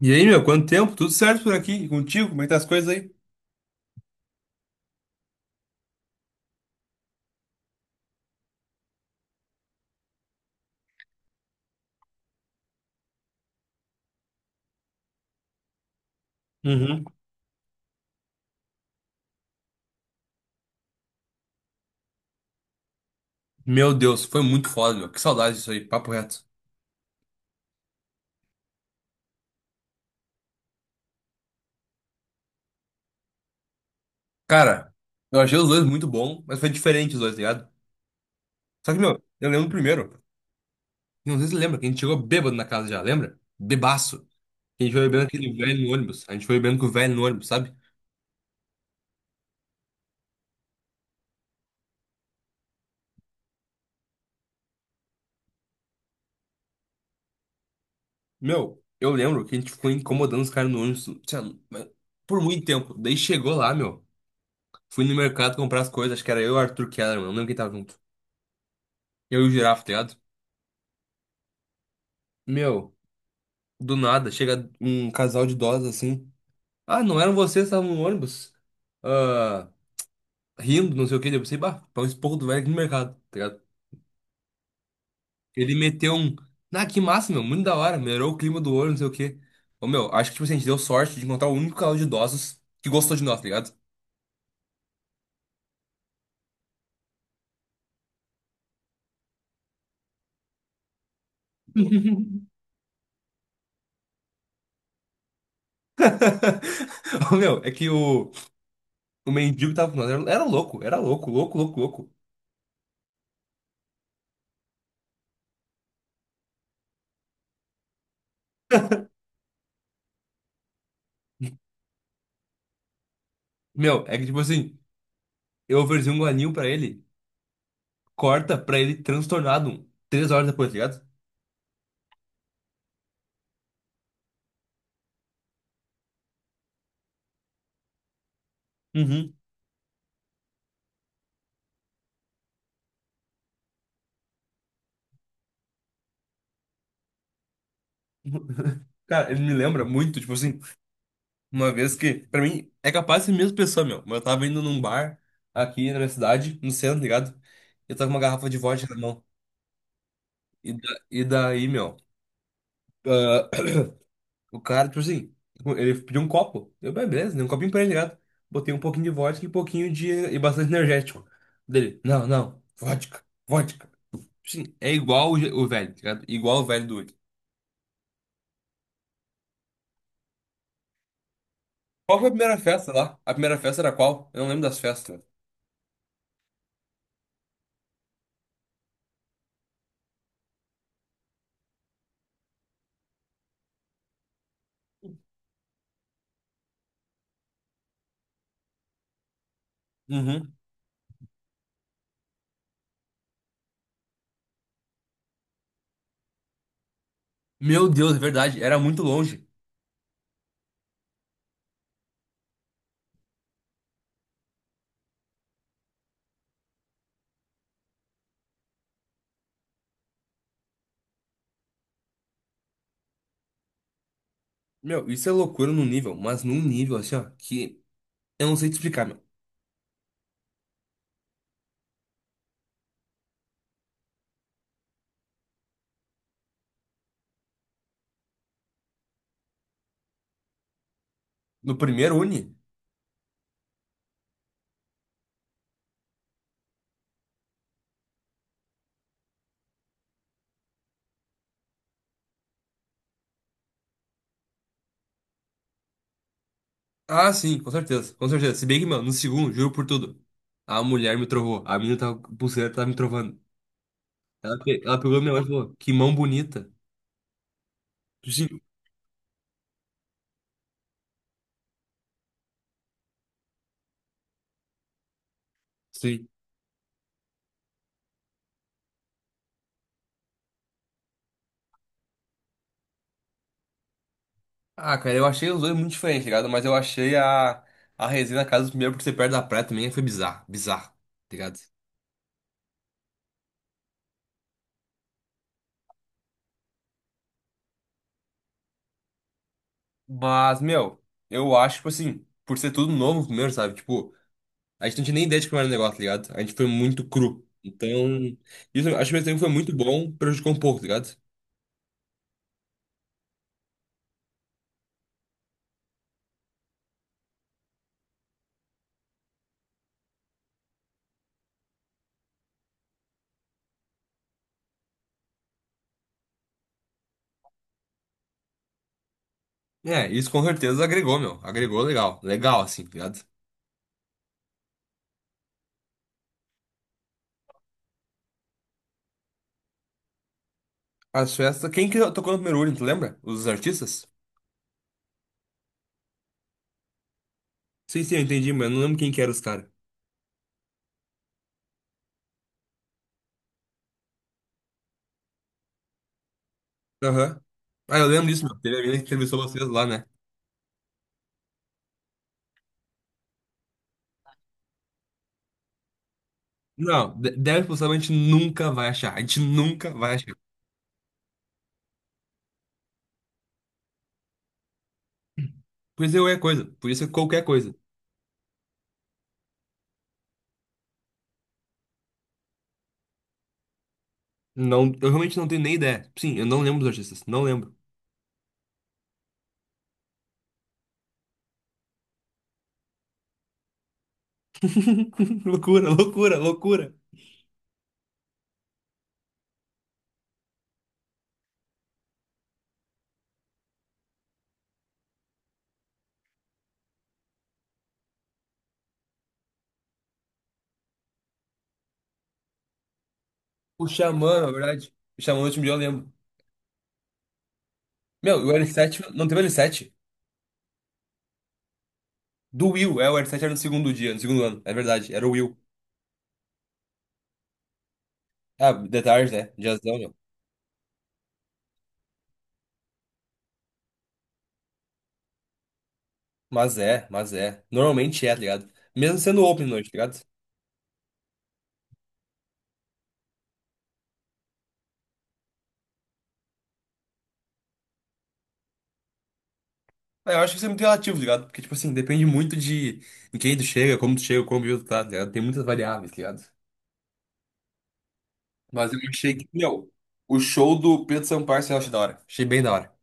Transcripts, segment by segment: E aí, meu, quanto tempo? Tudo certo por aqui? E contigo? Como é que tá as coisas aí? Uhum. Meu Deus, foi muito foda, meu. Que saudade disso aí, papo reto. Cara, eu achei os dois muito bom, mas foi diferente os dois, tá ligado? Só que, meu, eu lembro do primeiro. Não sei se você lembra, que a gente chegou bêbado na casa já, lembra? Bebaço. Que a gente foi bebendo aquele velho no ônibus. A gente foi bebendo com o velho no ônibus, sabe? Meu, eu lembro que a gente ficou incomodando os caras no ônibus, sei lá, mas por muito tempo. Daí chegou lá, meu. Fui no mercado comprar as coisas, acho que era eu e o Arthur Kellerman, não lembro quem tava junto. Eu e o Girafa, tá ligado? Meu. Do nada, chega um casal de idosos assim. Ah, não eram vocês, estavam no ônibus. Ah, rindo, não sei o que. Eu pensei, bah, pra um esporro do velho aqui no mercado, tá ligado? Ele meteu um. Ah, que massa, meu, muito da hora. Melhorou o clima do ônibus, não sei o que. Ô, meu, acho que tipo, assim, a gente deu sorte de encontrar o único casal de idosos que gostou de nós, tá ligado? Ô, meu, é que o mendigo que tava com nós. Era, era louco, louco, louco, louco. Meu, é que tipo assim, eu ofereci um guaninho pra ele, corta pra ele transtornado um, três horas depois, tá ligado? Cara, ele me lembra muito, tipo assim, uma vez que, pra mim, é capaz de ser a mesma pessoa, meu. Mas eu tava indo num bar aqui na minha cidade, no centro, tá ligado? Eu tava com uma garrafa de vodka na mão. E daí, meu, ah, o cara, tipo assim, ele pediu um copo. Eu, "Bem, beleza, dei um copinho pra ele, tá ligado? Botei um pouquinho de vodka e um pouquinho de. E bastante energético. Dele, não, não, vodka, vodka. Sim, é igual o, je- o velho, tá ligado? Igual o velho do Wiki. Qual foi a primeira festa lá? A primeira festa era qual? Eu não lembro das festas. Uhum. Meu Deus, é verdade, era muito longe. Meu, isso é loucura num nível, mas num nível assim, ó, que eu não sei te explicar, meu. No primeiro uni? Ah, sim, com certeza, com certeza. Se bem que, meu, no segundo, juro por tudo, a mulher me trovou, a menina tava, com pulseira tava me trovando. Ela, pe- ela pegou minha mão e falou, que mão bonita. Sim, sim. Ah, cara, eu achei os dois muito diferentes, tá ligado? Mas eu achei a resenha na casa do primeiro por ser perto da praia também foi bizarro, bizarro, tá ligado? Mas, meu, eu acho, tipo assim, por ser tudo novo primeiro, sabe? Tipo. A gente não tinha nem ideia de como era o negócio, tá ligado? A gente foi muito cru. Então, isso, acho que mesmo tempo foi muito bom, prejudicou um pouco, tá ligado? É, isso com certeza agregou, meu. Agregou legal. Legal, assim, tá ligado? As festas. Quem que tocou no primeiro Urno, tu lembra? Os artistas? Sim, sim, eu entendi, mas eu não lembro quem que eram os caras. Aham. Ah, eu lembro disso, meu. Teve alguém que entrevistou vocês lá, né? Não, de- 10% a gente nunca vai achar. A gente nunca vai achar. Podia ser qualquer coisa. Podia ser qualquer coisa. Não, eu realmente não tenho nem ideia. Sim, eu não lembro dos artistas. Não lembro. Loucura, loucura, loucura. O Xamã, na verdade. O Xamã no último dia eu lembro. Meu, o L7, não teve L7? Do Will, é, o L7 era no segundo dia, no segundo ano, é verdade, era o Will. Ah, de. Né? Diazão, meu. Mas é, mas é. Normalmente é, tá ligado? Mesmo sendo open noite, tá ligado? É, eu acho que isso é muito relativo, tá ligado? Porque, tipo assim, depende muito de em quem tu chega, como tu chega, como tu tá, tá ligado? Tem muitas variáveis, tá ligado? Mas eu achei que, meu, o show do Pedro Sampaio eu achei da hora. Achei bem da hora.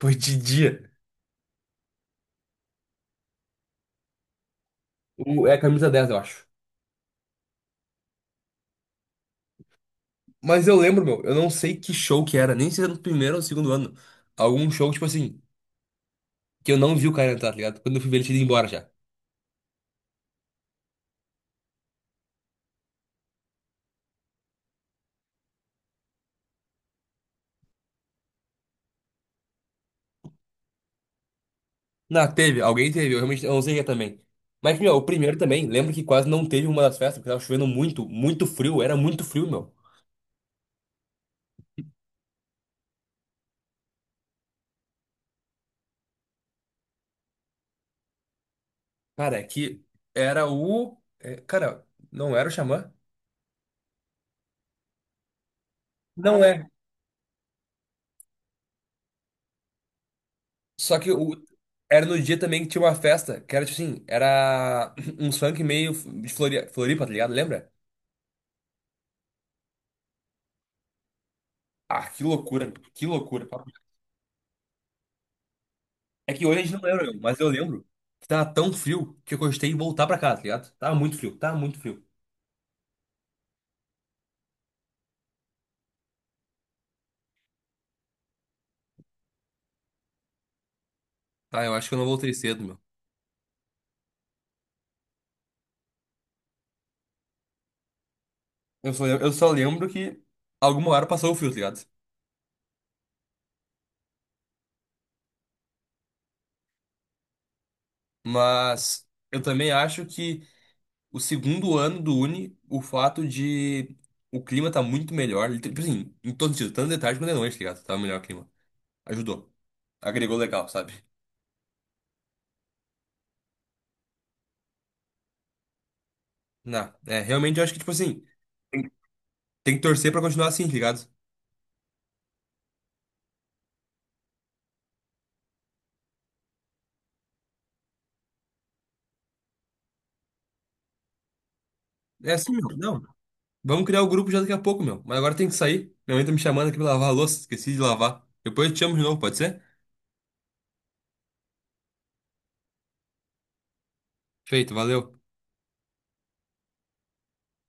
Foi de dia. O- É a camisa 10 eu acho. Mas eu lembro, meu, eu não sei que show que era, nem se era no primeiro ou no segundo ano. Algum show, tipo assim, que eu não vi o cara entrar, tá ligado? Quando eu fui ver ele tinha ido embora já. Não, teve, alguém teve, eu realmente eu não sei quem é também. Mas, meu, o primeiro também, lembro que quase não teve uma das festas, porque tava chovendo muito, muito frio, era muito frio, meu. Cara, é que era o. É, cara, não era o Xamã? Não é. Só que o. Era no dia também que tinha uma festa, que era tipo assim, era um funk meio de Flori- Floripa, tá ligado? Lembra? Ah, que loucura, que loucura. É que hoje a gente não lembra, meu, mas eu lembro que tava tão frio que eu gostei de voltar pra casa, tá ligado? Tava muito frio, tava muito frio. Ah, eu acho que eu não voltei cedo, meu. Eu só lembro que alguma hora passou o frio, tá ligado? Mas eu também acho que o segundo ano do Uni, o fato de o clima tá muito melhor, liter- tipo assim, em todo sentido, tanto de tarde quanto de noite, tá ligado? Tá melhor o clima. Ajudou. Agregou legal, sabe? Não, é, realmente eu acho que, tipo assim, tem tem que torcer pra continuar assim, tá ligado? É assim, meu. Não, vamos criar o grupo já daqui a pouco, meu. Mas agora tem que sair. Minha mãe tá me chamando aqui pra lavar a louça. Esqueci de lavar. Depois eu te chamo de novo, pode ser? Feito, valeu.